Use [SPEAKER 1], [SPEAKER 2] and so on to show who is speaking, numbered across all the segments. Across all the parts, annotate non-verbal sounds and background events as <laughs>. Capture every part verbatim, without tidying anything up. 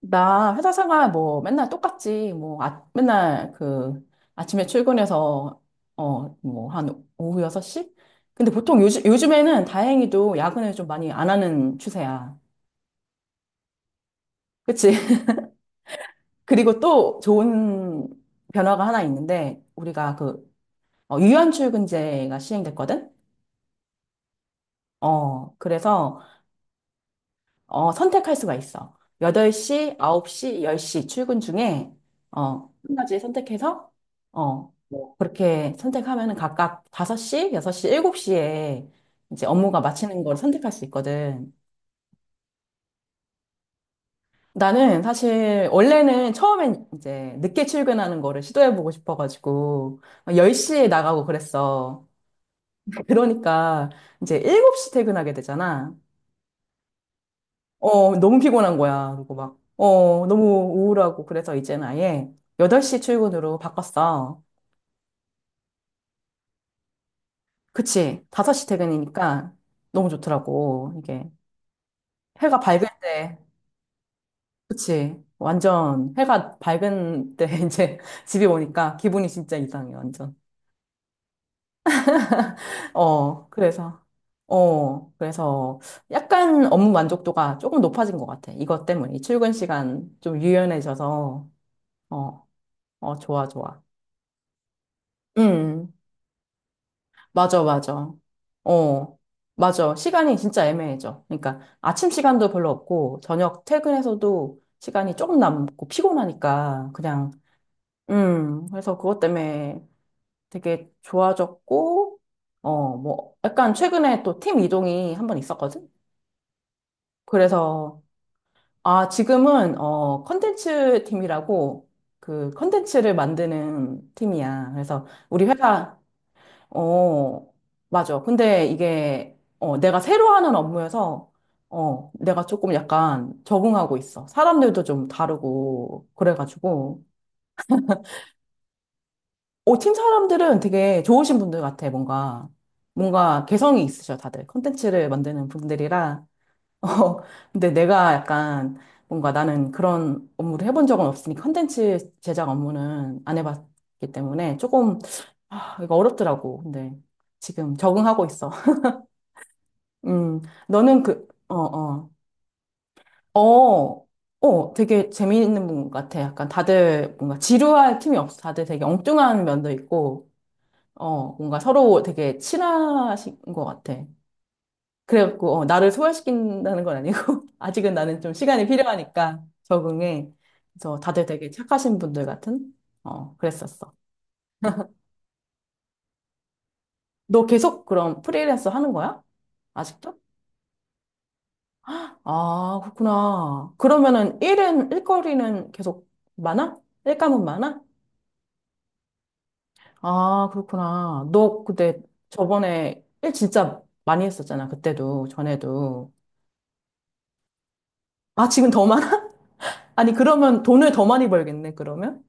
[SPEAKER 1] 나 회사 생활 뭐 맨날 똑같지. 뭐 아, 맨날 그 아침에 출근해서 어, 뭐 한 오후 여섯 시? 근데 보통 요즘, 요즘에는 다행히도 야근을 좀 많이 안 하는 추세야. 그치? <laughs> 그리고 또 좋은 변화가 하나 있는데 우리가 그 어, 유연 출근제가 시행됐거든? 어, 그래서 어, 선택할 수가 있어. 여덟 시, 아홉 시, 열 시 출근 중에, 어, 한 가지 선택해서, 어, 뭐, 그렇게 선택하면은 각각 다섯 시, 여섯 시, 일곱 시에 이제 업무가 마치는 걸 선택할 수 있거든. 나는 사실, 원래는 처음엔 이제 늦게 출근하는 거를 시도해보고 싶어가지고, 열 시에 나가고 그랬어. 그러니까 이제 일곱 시 퇴근하게 되잖아. 어, 너무 피곤한 거야. 그리고 막, 어, 너무 우울하고. 그래서 이제는 아예 여덟 시 출근으로 바꿨어. 그치. 다섯 시 퇴근이니까 너무 좋더라고. 이게 해가 밝을 때, 그치. 완전 해가 밝은 때 <laughs> 이제 집에 오니까 기분이 진짜 이상해, 완전. 어, 그래서, 어, 그래서 약간 업무 만족도가 조금 높아진 것 같아. 이것 때문에. 이 출근 시간 좀 유연해져서, 어, 어, 좋아, 좋아. 음. 맞아, 맞아. 어, 맞아. 시간이 진짜 애매해져. 그러니까 아침 시간도 별로 없고, 저녁 퇴근해서도 시간이 조금 남고, 피곤하니까, 그냥, 음, 그래서 그것 때문에 되게 좋아졌고, 어, 뭐, 약간 최근에 또 팀 이동이 한번 있었거든? 그래서, 아, 지금은, 어, 컨텐츠 팀이라고, 그 컨텐츠를 만드는 팀이야. 그래서 우리 회사, 어, 맞아. 근데 이게, 어, 내가 새로 하는 업무여서, 어, 내가 조금 약간 적응하고 있어. 사람들도 좀 다르고, 그래가지고. 어, 팀 사람들은 되게 좋으신 분들 같아, 뭔가. 뭔가 개성이 있으셔, 다들. 콘텐츠를 만드는 분들이라. <laughs> 어, 근데 내가 약간, 뭔가 나는 그런 업무를 해본 적은 없으니, 콘텐츠 제작 업무는 안 해봤기 때문에 조금, 아, 이거 어렵더라고. 근데 지금 적응하고 있어. 음, 너는 그, 어, 어, 어, 어, 되게 재미있는 분 같아. 약간 다들 뭔가 지루할 틈이 없어. 다들 되게 엉뚱한 면도 있고, 어, 뭔가 서로 되게 친하신 것 같아. 그래갖고, 어, 나를 소화시킨다는 건 아니고, <laughs> 아직은 나는 좀 시간이 필요하니까 적응해. 그래서 다들 되게 착하신 분들 같은, 어, 그랬었어. 너 계속 그럼 프리랜서 하는 거야? 아직도? 아, 그렇구나. 그러면은 일은, 일거리는 계속 많아? 일감은 많아? 아, 그렇구나. 너 근데 저번에 일 진짜 많이 했었잖아. 그때도, 전에도. 아, 지금 더 많아? <laughs> 아니, 그러면 돈을 더 많이 벌겠네, 그러면?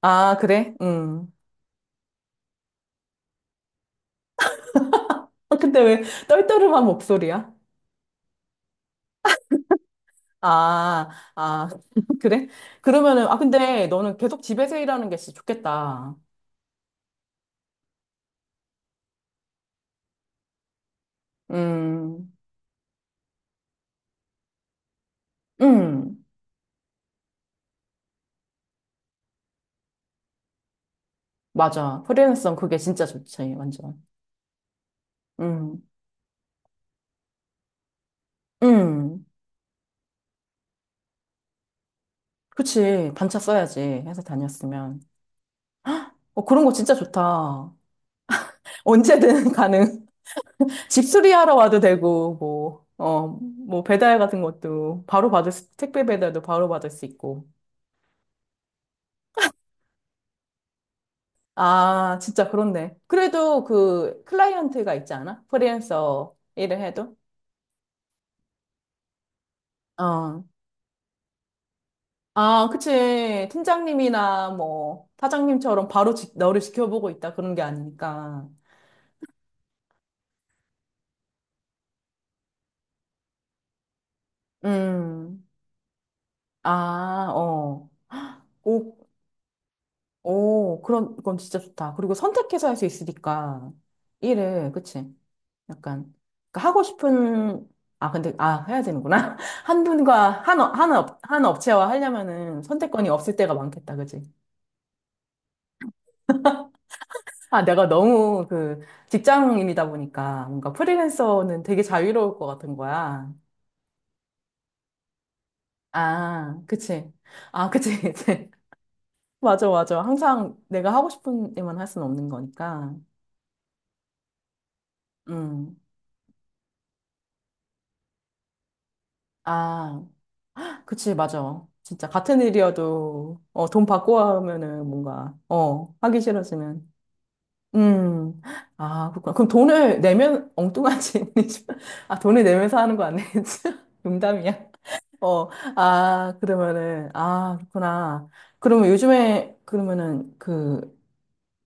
[SPEAKER 1] 아, 그래? 음. 아, 근데 왜 떨떠름한 목소리야? 아, 아, <laughs> 그래? 그러면은, 아, 근데 너는 계속 집에서 일하는 게 진짜 좋겠다. 음, 음. 맞아. 프리랜서는 그게 진짜 좋지, 완전. 음, 음, 그치. 반차 써야지. 회사 다녔으면. 어, 그런 거 진짜 좋다. 언제든 <laughs> 가능. 집수리 하러 와도 되고, 뭐, 어, 뭐, 배달 같은 것도 바로 받을 수, 택배 배달도 바로 받을 수 있고. 아, 진짜 그렇네. 그래도 그 클라이언트가 있지 않아? 프리랜서 일을 해도? 어. 아, 그치. 팀장님이나 뭐, 사장님처럼 바로 지- 너를 지켜보고 있다. 그런 게 아니니까. 음. 아, 어. 오, 오, 그런, 그건 진짜 좋다. 그리고 선택해서 할 수 있으니까, 일을, 그치? 약간, 그러니까 하고 싶은, 아, 근데, 아, 해야 되는구나. <laughs> 한 분과, 한, 업- 한, 업, 한 업체와 하려면은 선택권이 없을 때가 많겠다, 그치? 아, 내가 너무 그, 직장인이다 보니까, 뭔가 프리랜서는 되게 자유로울 것 같은 거야. 아, 그치. 아, 그치, <laughs> 그치. 맞아, 맞아. 항상 내가 하고 싶은 일만 할 수는 없는 거니까. 음. 아, 그치, 맞아. 진짜 같은 일이어도 어, 돈 받고 하면은 뭔가 어, 하기 싫어지는. 음. 아, 그렇구나. 그럼 돈을 내면 엉뚱한 이지 <laughs> 아, 돈을 내면서 하는 거 아니겠지? <laughs> 농담이야. 어. 아, 그러면은 아, 그렇구나. 그러면 요즘에 그러면은 그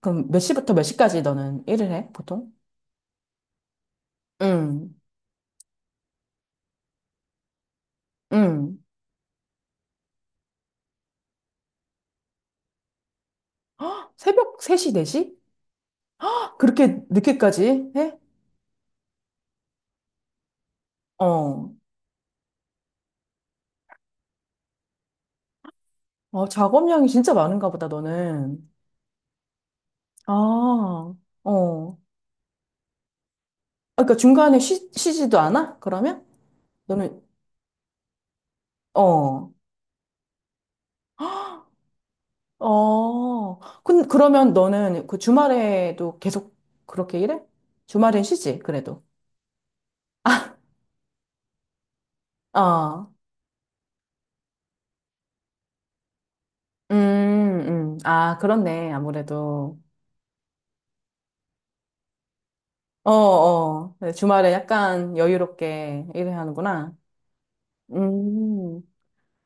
[SPEAKER 1] 그럼 몇 시부터 몇 시까지 너는 일을 해? 보통? 응 응 새벽 세 시, 네 시? 그렇게 늦게까지 해? 어. 어, 작업량이 진짜 많은가 보다, 너는. 아, 어. 아, 그러니까 중간에 쉬, 쉬지도 않아? 그러면? 너는, 어, 어. 근, 그러면 너는 그 주말에도 계속 그렇게 일해? 주말엔 쉬지, 그래도. 아, 음, 음. 아, 그렇네, 아무래도. 어, 어. 주말에 약간 여유롭게 일을 하는구나. 음.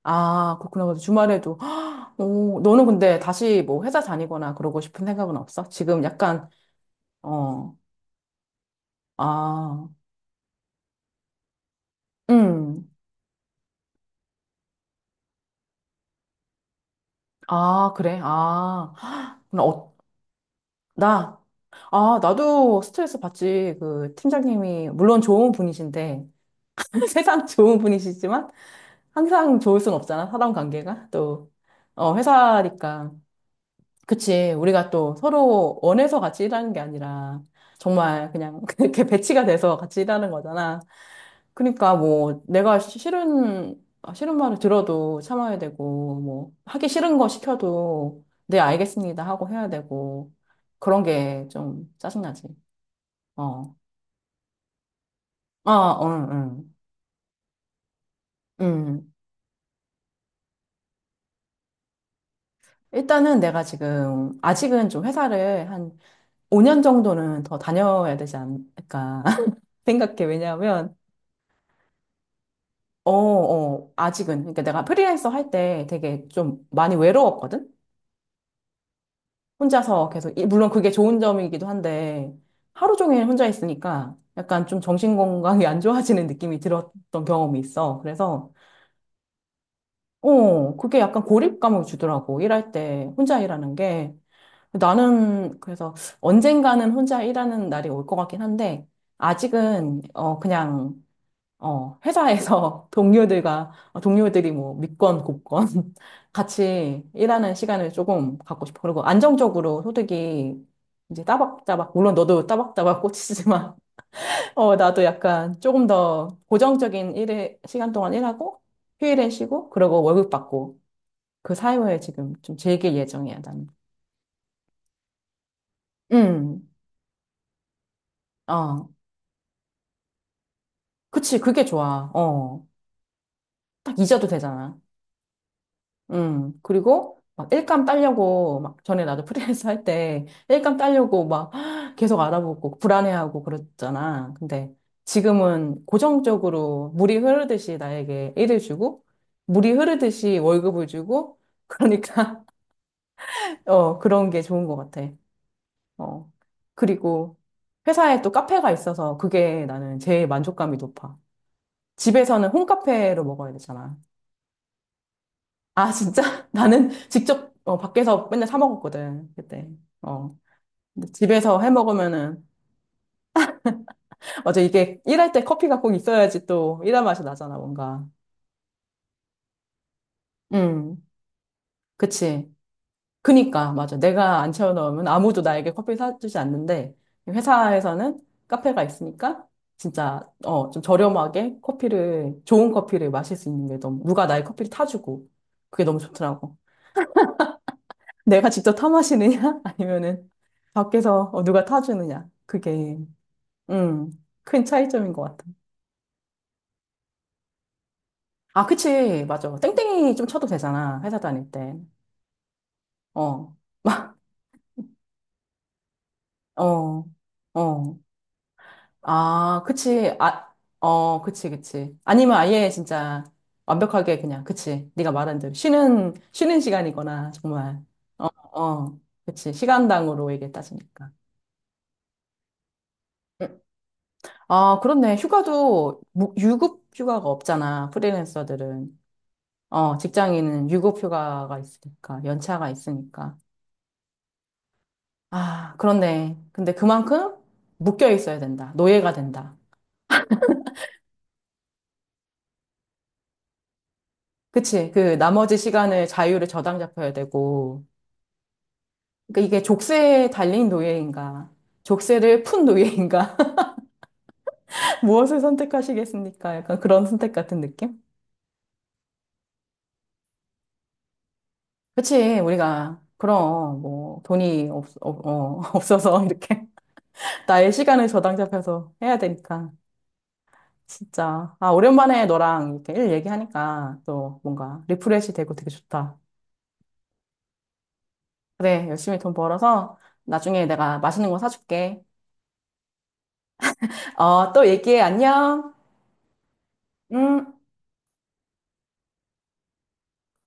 [SPEAKER 1] 아, 그렇구나. 그래서 주말에도. <gasps> 오, 너는 근데 다시 뭐 회사 다니거나 그러고 싶은 생각은 없어? 지금 약간, 어, 아, 음, 아, 그래. 아, <gasps> 나, 어, 나, 아, 나도 스트레스 받지. 그 팀장님이, 물론 좋은 분이신데, <laughs> 세상 좋은 분이시지만, 항상 좋을 순 없잖아. 사람 관계가. 또, 어, 회사니까. 그치. 우리가 또 서로 원해서 같이 일하는 게 아니라 정말 그냥 <laughs> 그렇게 배치가 돼서 같이 일하는 거잖아. 그러니까 뭐 내가 시- 싫은, 아, 싫은 말을 들어도 참아야 되고, 뭐 하기 싫은 거 시켜도 네, 알겠습니다 하고 해야 되고, 그런 게 좀 짜증나지. 어. 아, 어, 응, 응. 음. 일단은 내가 지금 아직은 좀 회사를 한 오 년 정도는 더 다녀야 되지 않을까 <laughs> 생각해. 왜냐하면 어, 어, 아직은. 그러니까 내가 프리랜서 할 때 되게 좀 많이 외로웠거든? 혼자서 계속, 이- 물론 그게 좋은 점이기도 한데, 하루 종일 혼자 있으니까 약간 좀 정신 건강이 안 좋아지는 느낌이 들었던 경험이 있어. 그래서, 어, 그게 약간 고립감을 주더라고. 일할 때 혼자 일하는 게. 나는 그래서 언젠가는 혼자 일하는 날이 올 것 같긴 한데, 아직은, 어, 그냥, 어, 회사에서 <laughs> 동료들과, 어, 동료들이 뭐 믿건 곱건 <laughs> 같이 일하는 시간을 조금 갖고 싶어. 그리고 안정적으로 소득이 이제 따박따박, 물론 너도 따박따박 꽂히지만, <laughs> 어, 나도 약간 조금 더 고정적인 일에, 시간 동안 일하고, 휴일에 쉬고, 그러고 월급 받고, 그 사이에 지금 좀 즐길 예정이야, 나는. 음, 어, 그치, 그게 좋아. 어, 딱 잊어도 되잖아. 음, 그리고 막 일감 따려고 막 전에 나도 프리랜서 할 때 일감 따려고 막 <gasps> 계속 알아보고 불안해하고 그랬잖아. 근데 지금은 고정적으로 물이 흐르듯이 나에게 일을 주고 물이 흐르듯이 월급을 주고 그러니까 <laughs> 어, 그런 게 좋은 것 같아. 어. 그리고 회사에 또 카페가 있어서 그게 나는 제일 만족감이 높아. 집에서는 홈카페로 먹어야 되잖아. 아, 진짜? <laughs> 나는 직접 어, 밖에서 맨날 사 먹었거든, 그때. 어. 근데 집에서 해 먹으면은, 맞아, 이게 일할 때 커피가 꼭 있어야지 또 일할 맛이 나잖아, 뭔가. 음, 그치. 그니까, 맞아. 내가 안 채워넣으면 아무도 나에게 커피 사주지 않는데, 회사에서는 카페가 있으니까, 진짜, 어, 좀 저렴하게 커피를, 좋은 커피를 마실 수 있는 게 너무, 누가 나의 커피를 타주고, 그게 너무 좋더라고. 내가 직접 타 마시느냐? <laughs> 아니면은 밖에서 어, 누가 타주느냐? 그게, 음, 큰 차이점인 것 같아. 아, 그치. 맞아. 땡땡이 좀 쳐도 되잖아. 회사 다닐 때. 어, 어, 어. 아, 그치. 아, 어, 그치, 그치. 아니면 아예 진짜 완벽하게 그냥, 그치. 네가 말한 대로. 쉬는, 쉬는 시간이거나, 정말. 어, 어. 그치. 시간당으로 이게 따지니까. 아, 그렇네. 휴가도 무- 유급 휴가가 없잖아. 프리랜서들은. 어, 직장인은 유급 휴가가 있으니까, 연차가 있으니까. 아, 그렇네. 근데 그만큼 묶여 있어야 된다. 노예가 된다. 그치? 그 나머지 시간을 자유를 저당잡혀야 되고. 그러니까 이게 족쇄에 달린 노예인가, 족쇄를 푼 노예인가, <laughs> 무엇을 선택하시겠습니까? 약간 그런 선택 같은 느낌? 그치? 우리가, 그럼, 뭐, 돈이 없, 어, 어, <laughs> 없어서 이렇게. 나의 시간을 저당잡혀서 해야 되니까. 진짜. 아, 오랜만에 너랑 이렇게 일 얘기하니까 또 뭔가 리프레시 되고 되게 좋다. 그래, 열심히 돈 벌어서 나중에 내가 맛있는 거 사줄게. 어, 또 얘기해. 안녕. 음.